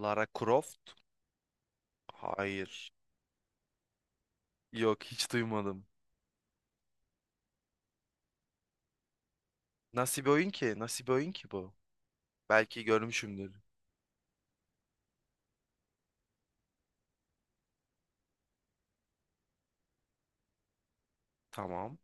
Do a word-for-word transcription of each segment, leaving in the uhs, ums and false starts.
Lara Croft? Hayır. Yok hiç duymadım. Nasıl bir oyun ki? Nasıl bir oyun ki bu? Belki görmüşümdür. Tamam.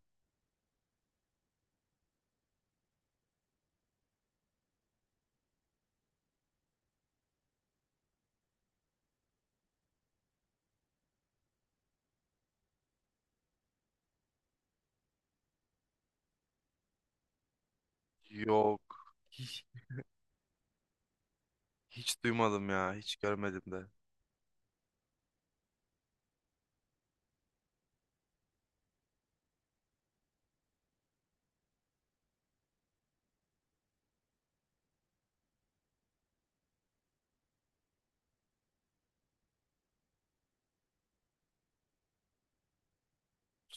Yok. Hiç, hiç duymadım ya. Hiç görmedim de.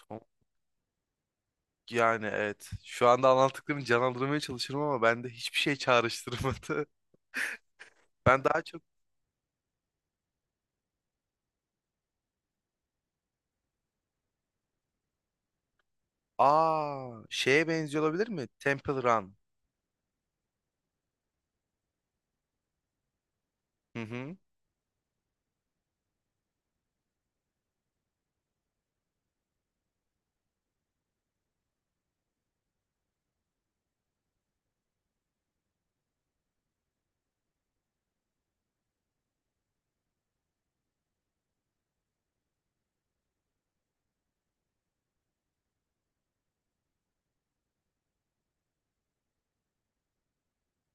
Son- Yani evet. Şu anda anlattıklarını canlandırmaya çalışıyorum ama bende hiçbir şey çağrıştırmadı. Ben daha çok... Aa, şeye benziyor olabilir mi? Temple Run. Hı hı.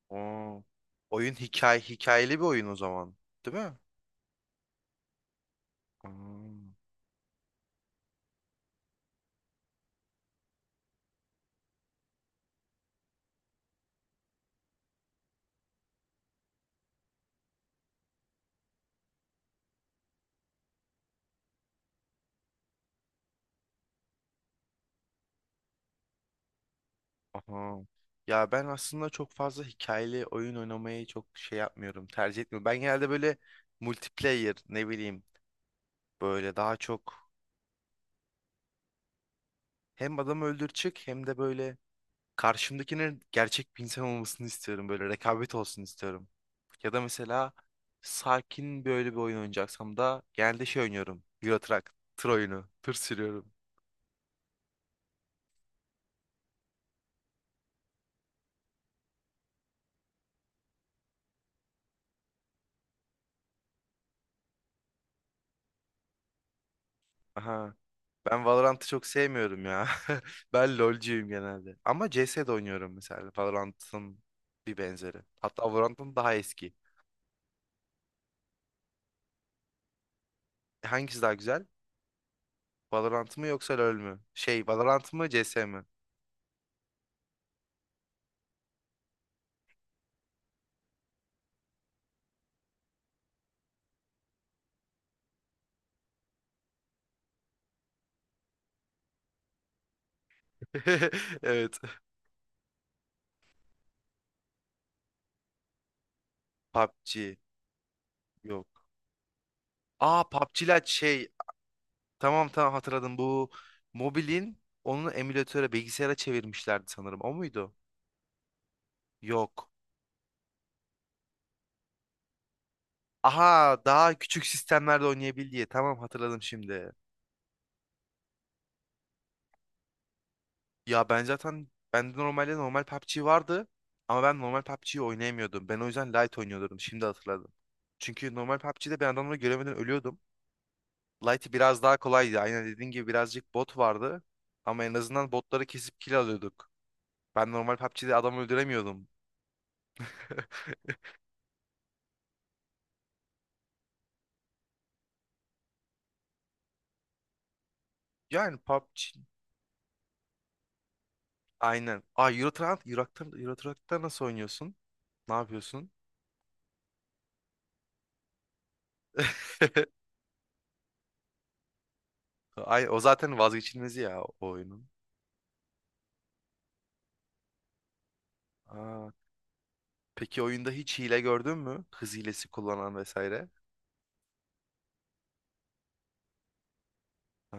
Oo. Oyun hikaye, hikayeli bir oyun o zaman. Değil mi? Aa. Aha. Ya ben aslında çok fazla hikayeli oyun oynamayı çok şey yapmıyorum, tercih etmiyorum. Ben genelde böyle multiplayer ne bileyim böyle daha çok hem adam öldür çık hem de böyle karşımdakinin gerçek bir insan olmasını istiyorum. Böyle rekabet olsun istiyorum. Ya da mesela sakin böyle bir oyun oynayacaksam da genelde şey oynuyorum. Euro Truck, tır oyunu, tır sürüyorum. Aha. Ben Valorant'ı çok sevmiyorum ya. Ben LoL'cuyum genelde. Ama C S'de oynuyorum mesela. Valorant'ın bir benzeri. Hatta Valorant'ın daha eski. Hangisi daha güzel? Valorant mı yoksa LoL mü? Şey, Valorant mı C S mi? Evet. P U B G. Yok. Aa P U B G'ler şey. Tamam tamam hatırladım. Bu mobilin onu emülatöre bilgisayara çevirmişlerdi sanırım. O muydu? Yok. Aha daha küçük sistemlerde oynayabil diye. Tamam hatırladım şimdi. Ya ben zaten bende normalde normal P U B G vardı ama ben normal P U B G'yi oynayamıyordum. Ben o yüzden Lite oynuyordum. Şimdi hatırladım. Çünkü normal P U B G'de ben adamları göremeden ölüyordum. Lite biraz daha kolaydı. Aynen dediğin gibi birazcık bot vardı. Ama en azından botları kesip kill alıyorduk. Ben normal P U B G'de adamı öldüremiyordum. Yani P U B G aynen. Aa Euro Truck, Euro Truck- Euro Truck'ta nasıl oynuyorsun? Ne yapıyorsun? Ay o zaten vazgeçilmezi ya o oyunun. Aa. Peki oyunda hiç hile gördün mü? Hız hilesi kullanan vesaire. Ha.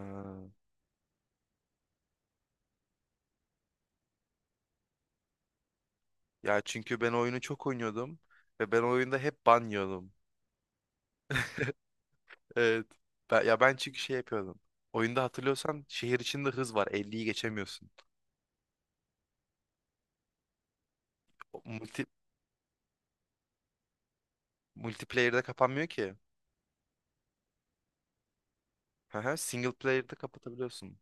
Ya çünkü ben oyunu çok oynuyordum ve ben oyunda hep ban yiyordum. Evet. Ben- ya ben çünkü şey yapıyordum. Oyunda hatırlıyorsan şehir içinde hız var. Elliyi geçemiyorsun. O Multi, multiplayer'de kapanmıyor ki. Hı hı, Single player'de kapatabiliyorsun.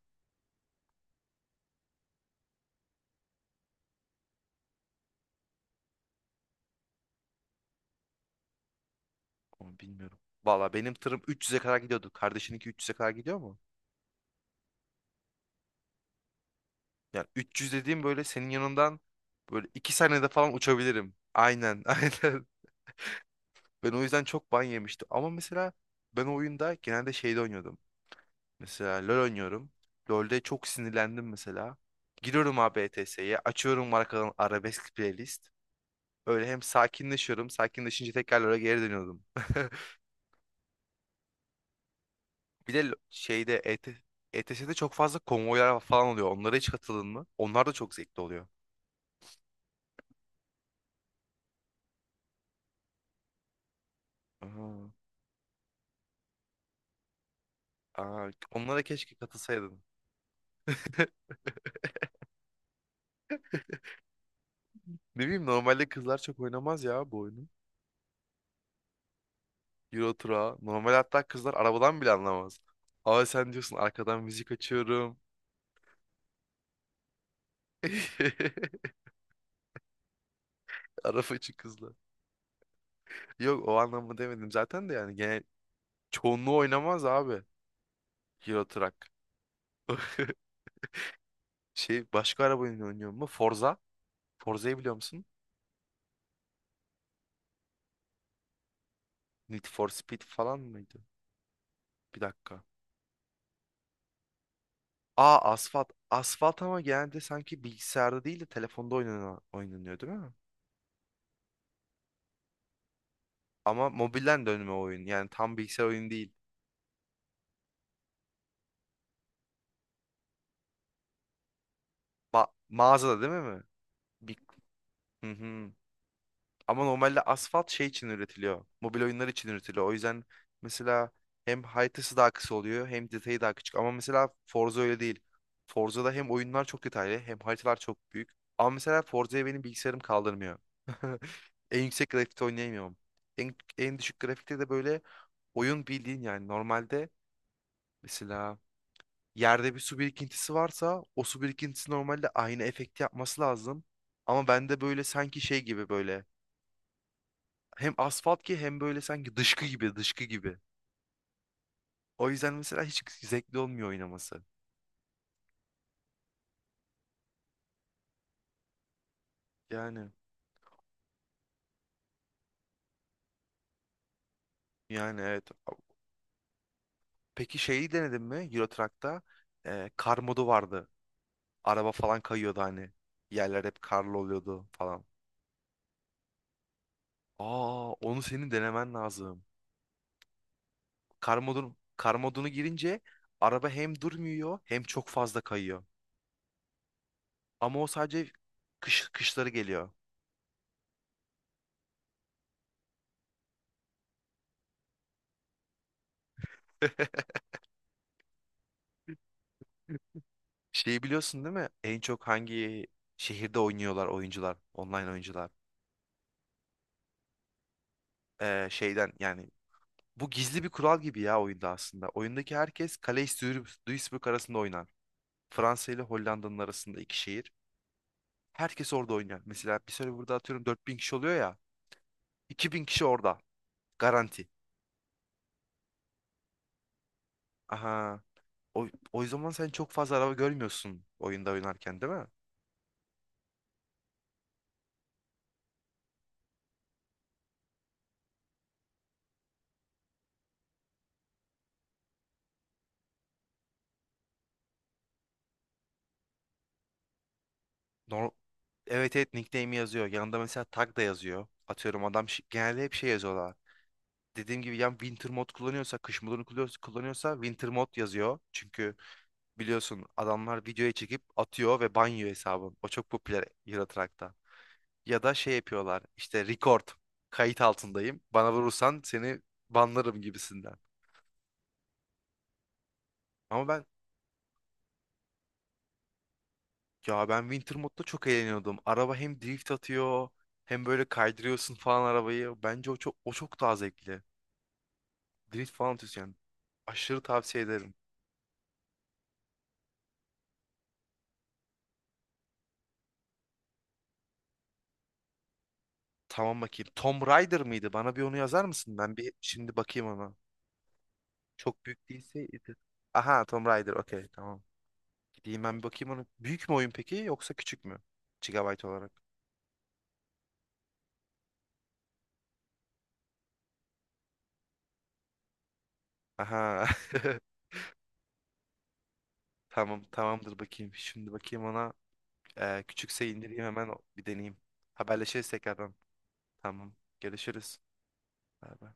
Onu bilmiyorum. Valla benim tırım üç yüze kadar gidiyordu. Kardeşininki üç yüze kadar gidiyor mu? Yani üç yüz dediğim böyle senin yanından böyle iki saniyede falan uçabilirim. Aynen, aynen. Ben o yüzden çok ban yemiştim. Ama mesela ben o oyunda genelde şeyde oynuyordum. Mesela LoL oynuyorum. LoL'de çok sinirlendim mesela. Giriyorum abi E T S'ye açıyorum markanın arabesk playlist. Öyle hem sakinleşiyorum, sakinleşince tekrar LoL'e geri dönüyordum. Bir de lo- şeyde E T S'de çok fazla konvoylar falan oluyor. Onlara hiç katıldın mı? Onlar da çok zevkli oluyor. Aa, aa, onlara keşke katılsaydın. Ne bileyim normalde kızlar çok oynamaz ya bu oyunu. Euro Truck'a. Normal hatta kızlar arabadan bile anlamaz. Ama sen diyorsun arkadan müzik açıyorum. araba için kızlar. Yok o anlamı demedim zaten de yani genel çoğunluğu oynamaz abi Euro Truck. Şey başka araba oyunu oynuyor mu? Forza. Forza'yı biliyor musun? Need for Speed falan mıydı? Bir dakika. Aa asfalt. Asfalt ama genelde sanki bilgisayarda değil de telefonda oynanıyor, oynanıyor değil mi? Ama mobilden dönme oyun. Yani tam bilgisayar oyunu değil. Ma mağazada değil mi? mi? Bir Hı hı. Ama normalde asfalt şey için üretiliyor. Mobil oyunlar için üretiliyor. O yüzden mesela hem haritası daha kısa oluyor hem detayı daha küçük. Ama mesela Forza öyle değil. Forza'da hem oyunlar çok detaylı hem haritalar çok büyük. Ama mesela Forza'ya benim bilgisayarım kaldırmıyor. En yüksek grafikte oynayamıyorum. En, en düşük grafikte de böyle oyun bildiğin yani normalde mesela yerde bir su birikintisi varsa o su birikintisi normalde aynı efekti yapması lazım. Ama bende böyle sanki şey gibi böyle hem asfalt ki hem böyle sanki dışkı gibi dışkı gibi. O yüzden mesela hiç zevkli olmuyor oynaması. Yani yani evet. Peki şeyi denedin mi Euro Truck'ta? Ee, kar modu vardı. Araba falan kayıyordu hani. Yerler hep karlı oluyordu falan. Aa onu senin denemen lazım. Kar modunu, kar modunu girince araba hem durmuyor hem çok fazla kayıyor. Ama o sadece kış, kışları geliyor. Şeyi biliyorsun değil mi? En çok hangi şehirde oynuyorlar oyuncular, online oyuncular? E, şeyden yani bu gizli bir kural gibi ya oyunda aslında. Oyundaki herkes Calais Duis- Duisburg arasında oynar. Fransa ile Hollanda'nın arasında iki şehir. Herkes orada oynar. Mesela bir serverda burada atıyorum dört bin kişi oluyor ya. iki bin kişi orada. Garanti. Aha. O, o zaman sen çok fazla araba görmüyorsun oyunda oynarken değil mi? Nor- evet evet nickname yazıyor. Yanında mesela tag da yazıyor. Atıyorum adam şi- genelde hep şey yazıyorlar. Dediğim gibi ya winter mod kullanıyorsa, kış modunu kullanıyorsa, kullanıyorsa winter mod yazıyor. Çünkü biliyorsun adamlar videoya çekip atıyor ve banyo hesabın. O çok popüler Euro. Ya da şey yapıyorlar işte record. Kayıt altındayım. Bana vurursan seni banlarım gibisinden. Ama ben Ya ben Winter modda çok eğleniyordum. Araba hem drift atıyor hem böyle kaydırıyorsun falan arabayı. Bence o çok o çok daha zevkli. Drift falan atıyorsun yani. Aşırı tavsiye ederim. Tamam bakayım. Tomb Raider mıydı? Bana bir onu yazar mısın? Ben bir şimdi bakayım ona. Çok büyük değilse. Aha Tomb Raider okey tamam. Diyeyim ben bir bakayım onu. Büyük mü oyun peki yoksa küçük mü? Gigabyte olarak. Aha. Tamam tamamdır bakayım. Şimdi bakayım ona. Ee, küçükse indireyim hemen o- bir deneyeyim. Haberleşiriz tekrardan. Tamam. Görüşürüz. Bay bay.